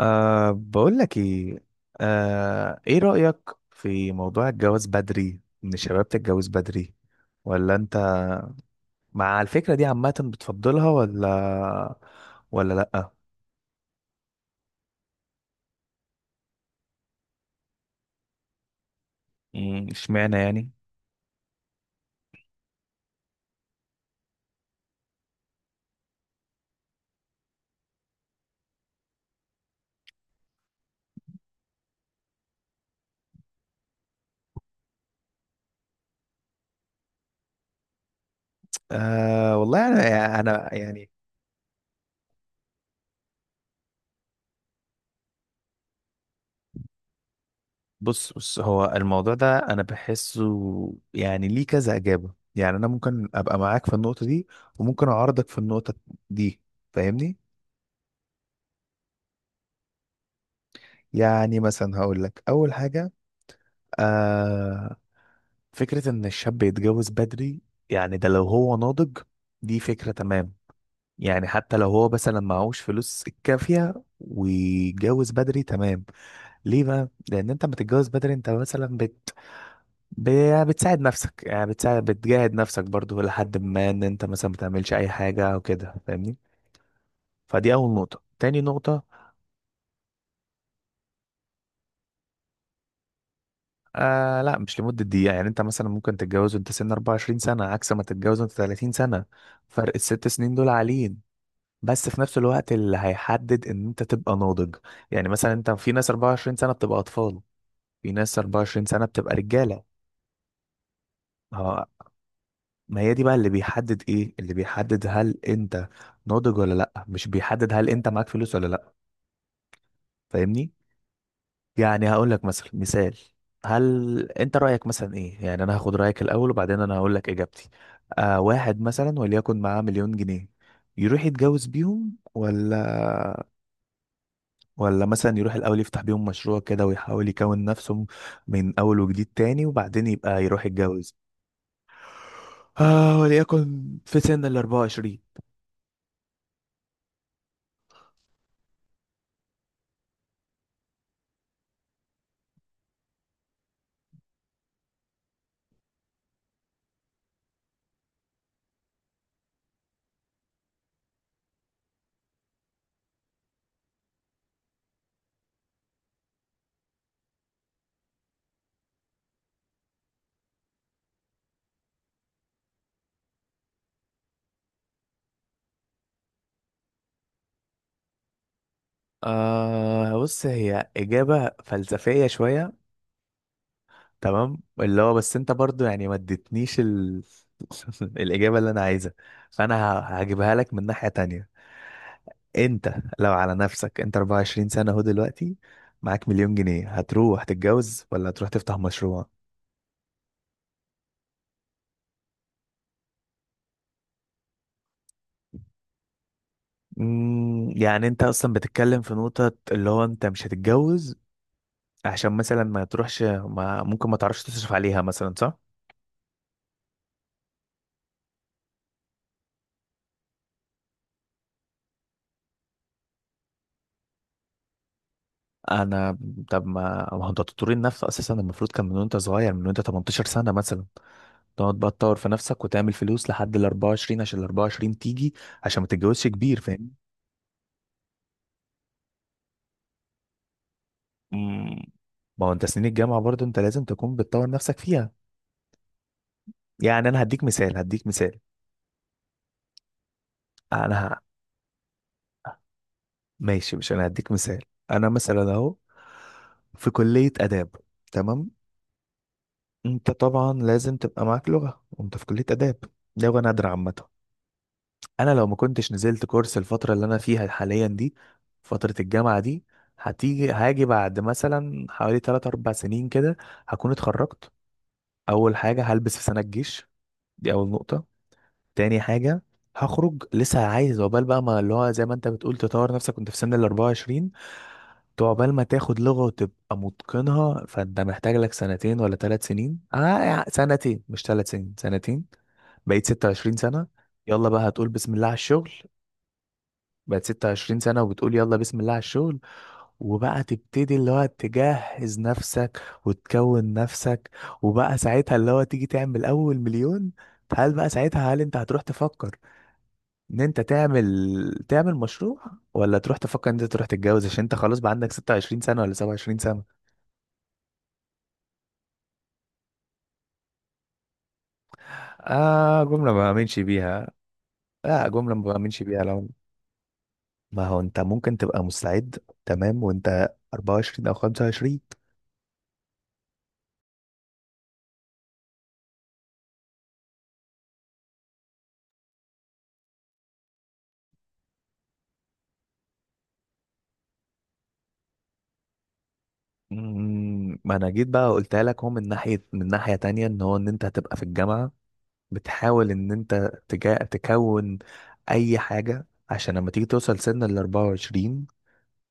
بقول لك ايه. ايه رأيك في موضوع الجواز بدري، ان الشباب تتجوز بدري؟ ولا انت مع الفكرة دي عامة بتفضلها، ولا لأ؟ اشمعنى يعني؟ والله انا يعني، بص، بص، هو الموضوع ده انا بحسه يعني ليه كذا إجابة، يعني انا ممكن ابقى معاك في النقطة دي وممكن اعارضك في النقطة دي. فاهمني؟ يعني مثلا هقول لك اول حاجة. آه، فكرة إن الشاب يتجوز بدري، يعني ده لو هو ناضج دي فكرة تمام. يعني حتى لو هو مثلا معهوش فلوس الكافية ويتجوز بدري، تمام. ليه بقى؟ لأن أنت لما تتجوز بدري أنت مثلا يعني بتساعد نفسك، يعني بتجاهد نفسك برضو لحد ما إن أنت مثلا بتعملش أي حاجة أو كده. فاهمني؟ فدي أول نقطة. تاني نقطة، آه، لا، مش لمدة دقيقة. يعني أنت مثلا ممكن تتجوز وأنت سن 24 سنة، عكس ما تتجوز وأنت 30 سنة. فرق الست سنين دول عاليين، بس في نفس الوقت اللي هيحدد ان انت تبقى ناضج. يعني مثلا انت في ناس 24 سنة بتبقى اطفال، في ناس 24 سنة بتبقى رجالة. اه، ما هي دي بقى اللي بيحدد، ايه اللي بيحدد هل انت ناضج ولا لا، مش بيحدد هل انت معاك فلوس ولا لا. فاهمني؟ يعني هقول لك مثلا مثال. هل انت رأيك مثلا ايه؟ يعني انا هاخد رأيك الاول وبعدين انا هقول لك اجابتي. واحد مثلا وليكن معاه مليون جنيه، يروح يتجوز بيهم، ولا مثلا يروح الأول يفتح بيهم مشروع كده ويحاول يكون نفسه من أول وجديد تاني وبعدين يبقى يروح يتجوز؟ وليكن في سن ال 24. بص، هي إجابة فلسفية شوية، تمام، اللي هو بس أنت برضو يعني ما اديتنيش الإجابة اللي أنا عايزها. فأنا هجيبها لك من ناحية تانية. أنت لو على نفسك، أنت 24 سنة أهو دلوقتي، معاك مليون جنيه، هتروح تتجوز ولا هتروح تفتح مشروع؟ يعني انت اصلا بتتكلم في نقطة اللي هو انت مش هتتجوز عشان مثلا ما تروحش، ما ممكن ما تعرفش تصرف عليها مثلا، صح؟ انا طب، ما هو انت تطور النفس اساسا المفروض كان من وانت صغير، من وانت 18 سنة مثلا، تقعد بقى تطور في نفسك وتعمل فلوس لحد ال 24 عشان ال 24 تيجي، عشان ما تتجوزش كبير. فاهم؟ مم. ما هو انت سنين الجامعة برضه انت لازم تكون بتطور نفسك فيها. يعني انا هديك مثال، هديك مثال. انا ماشي، مش انا هديك مثال. انا مثلا اهو في كلية اداب، تمام. انت طبعا لازم تبقى معاك لغة وانت في كلية اداب، لغة نادرة عامة. انا لو ما كنتش نزلت كورس الفترة اللي انا فيها حاليا دي، فترة الجامعة دي، هاجي بعد مثلا حوالي 3 4 سنين كده، هكون اتخرجت. اول حاجة، هلبس في سنة الجيش، دي اول نقطة. تاني حاجة، هخرج لسه عايز عقبال بقى ما اللي هو زي ما انت بتقول تطور نفسك وانت في سن ال 24، عقبال ما تاخد لغة وتبقى متقنها فانت محتاج لك سنتين ولا ثلاث سنين، يعني سنتين مش ثلاث سنين، سنتين. بقيت 26 سنة، يلا بقى هتقول بسم الله على الشغل. بقت 26 سنة وبتقول يلا بسم الله على الشغل، وبقى تبتدي اللي هو تجهز نفسك وتكون نفسك، وبقى ساعتها اللي هو تيجي تعمل أول مليون. هل بقى ساعتها، هل انت هتروح تفكر ان انت تعمل مشروع، ولا تروح تفكر ان انت تروح تتجوز عشان انت خلاص بقى عندك 26 سنة ولا 27؟ آه، جملة ما بأمنش بيها. لا، جملة ما بأمنش بيها لو. ما هو أنت ممكن تبقى مستعد، تمام، وأنت 24 أو 25. ما أنا جيت بقى قلتها لك، هو من ناحية تانية، إن أنت هتبقى في الجامعة بتحاول إن أنت تكون أي حاجة، عشان لما تيجي توصل سن ال 24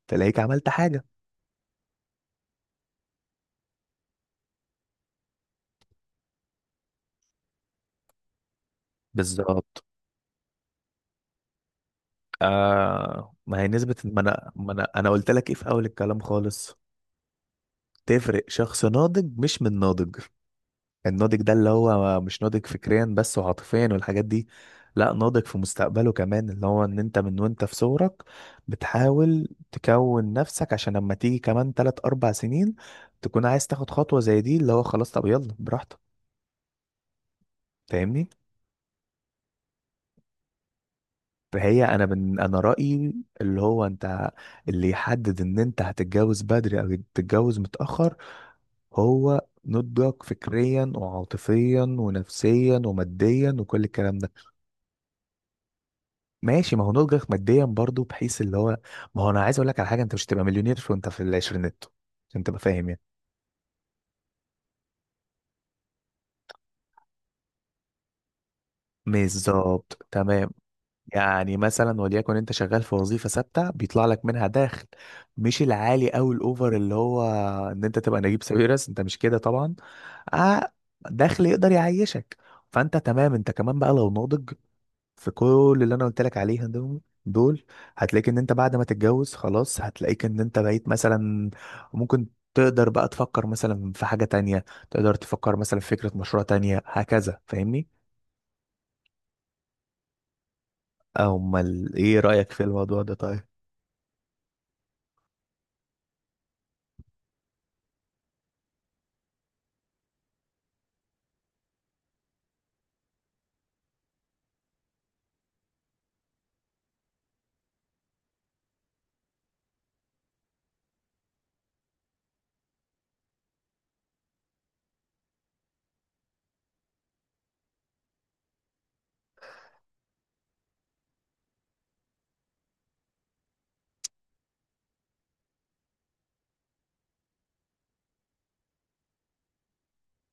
تلاقيك عملت حاجة. بالظبط. ما هي نسبة، ما أنا ما أنا أنا قلت لك إيه في أول الكلام خالص. تفرق شخص ناضج مش من ناضج. الناضج ده اللي هو مش ناضج فكريا بس وعاطفيا والحاجات دي، لا، ناضج في مستقبله كمان، اللي هو ان انت من وانت في صغرك بتحاول تكون نفسك، عشان لما تيجي كمان تلات اربع سنين تكون عايز تاخد خطوة زي دي اللي هو خلاص، طب يلا براحتك. فاهمني؟ فهي انا، من انا رأيي اللي هو انت، اللي يحدد ان انت هتتجوز بدري او تتجوز متأخر، هو نضجك فكريا وعاطفيا ونفسيا وماديا وكل الكلام ده. ماشي، ما هو نضجك ماديا برضو بحيث اللي هو، ما هو انا عايز اقول لك على حاجه، انت مش هتبقى مليونير وانت في العشرينات عشان تبقى فاهم يعني. بالظبط، تمام. يعني مثلا وليكن انت شغال في وظيفه ثابته بيطلع لك منها دخل، مش العالي او الاوفر اللي هو ان انت تبقى نجيب ساويرس، انت مش كده طبعا. آه دخل يقدر يعيشك. فانت تمام، انت كمان بقى لو ناضج في كل اللي انا قلت لك عليها دول دول، هتلاقيك ان انت بعد ما تتجوز خلاص، هتلاقيك ان انت بقيت مثلا ممكن تقدر بقى تفكر مثلا في حاجة تانية، تقدر تفكر مثلا في فكرة مشروع تانية هكذا. فاهمني؟ امال ايه رأيك في الموضوع ده، طيب؟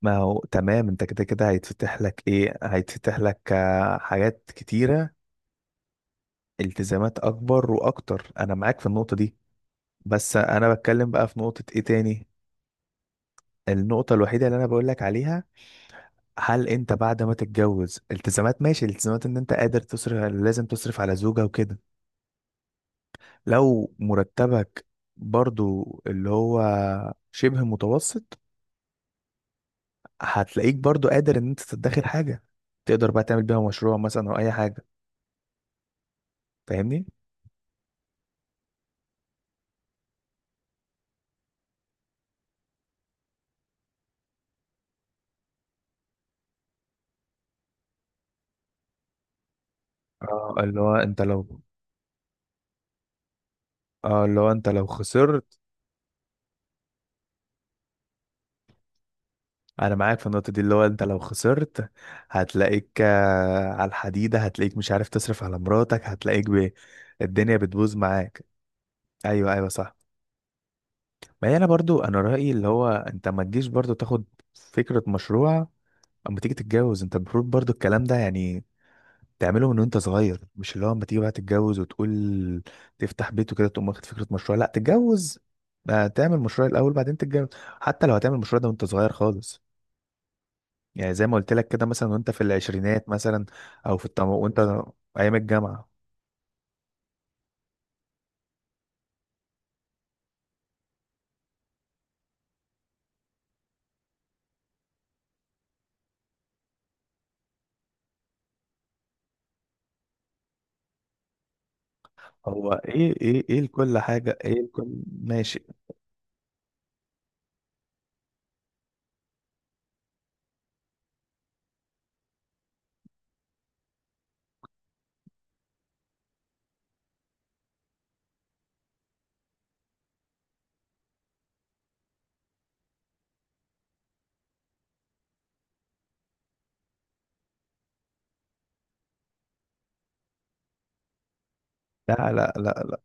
ما هو تمام، انت كده كده هيتفتح لك ايه، هيتفتح لك حاجات كتيرة، التزامات اكبر واكتر. انا معاك في النقطة دي، بس انا بتكلم بقى في نقطة ايه تاني، النقطة الوحيدة اللي انا بقول لك عليها، هل انت بعد ما تتجوز، التزامات ماشي، الالتزامات ان انت قادر تصرف، لازم تصرف على زوجة وكده. لو مرتبك برضو اللي هو شبه متوسط، هتلاقيك برضو قادر ان انت تدخر حاجة، تقدر بقى تعمل بيها مشروع مثلا او اي حاجة. فاهمني؟ اه اللي هو انت لو اه، اللي هو انت لو خسرت، انا معاك في النقطة دي، اللي هو انت لو خسرت هتلاقيك على الحديدة، هتلاقيك مش عارف تصرف على مراتك، هتلاقيك الدنيا بتبوظ معاك. ايوه، ايوه، صح. ما هي انا برضو، انا رايي اللي هو انت ما تجيش برضو تاخد فكره مشروع اما تيجي تتجوز. انت المفروض برضو الكلام ده يعني تعمله من وانت صغير، مش اللي هو اما تيجي بقى تتجوز وتقول تفتح بيت وكده تقوم واخد فكره مشروع. لا، تتجوز، تعمل مشروع الاول بعدين تتجوز. حتى لو هتعمل مشروع ده وانت صغير خالص، يعني زي ما قلت لك كده، مثلا وانت في العشرينات مثلا، او في وانت ايام الجامعه. هو ايه، لكل حاجه، ايه لكل؟ ماشي. لا، لا، لا.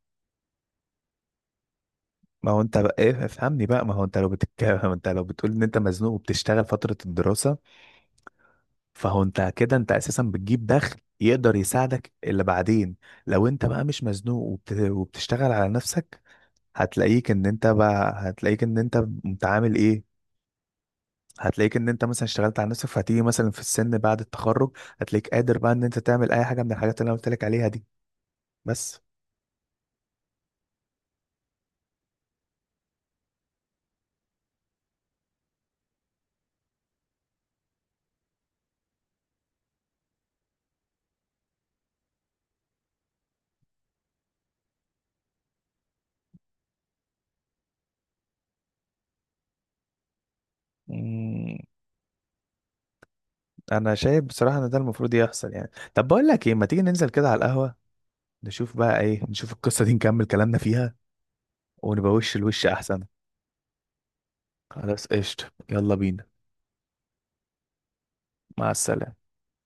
ما هو انت بقى ايه؟ افهمني بقى. ما هو انت لو بتتكلم انت لو بتقول ان انت مزنوق وبتشتغل فترة الدراسة، فهو انت كده انت اساسا بتجيب دخل يقدر يساعدك اللي بعدين. لو انت بقى مش مزنوق وبتشتغل على نفسك، هتلاقيك ان انت متعامل ايه، هتلاقيك ان انت مثلا اشتغلت على نفسك، فهتيجي مثلا في السن بعد التخرج هتلاقيك قادر بقى ان انت تعمل اي حاجة من الحاجات اللي انا قلت لك عليها دي، بس. مم، انا شايف بصراحة ان ده المفروض يحصل يعني. طب بقول لك ايه، ما تيجي ننزل كده على القهوة، نشوف بقى ايه، نشوف القصة دي، نكمل كلامنا فيها، ونبقى وش لوش احسن. خلاص، قشطة، يلا بينا. مع السلامة.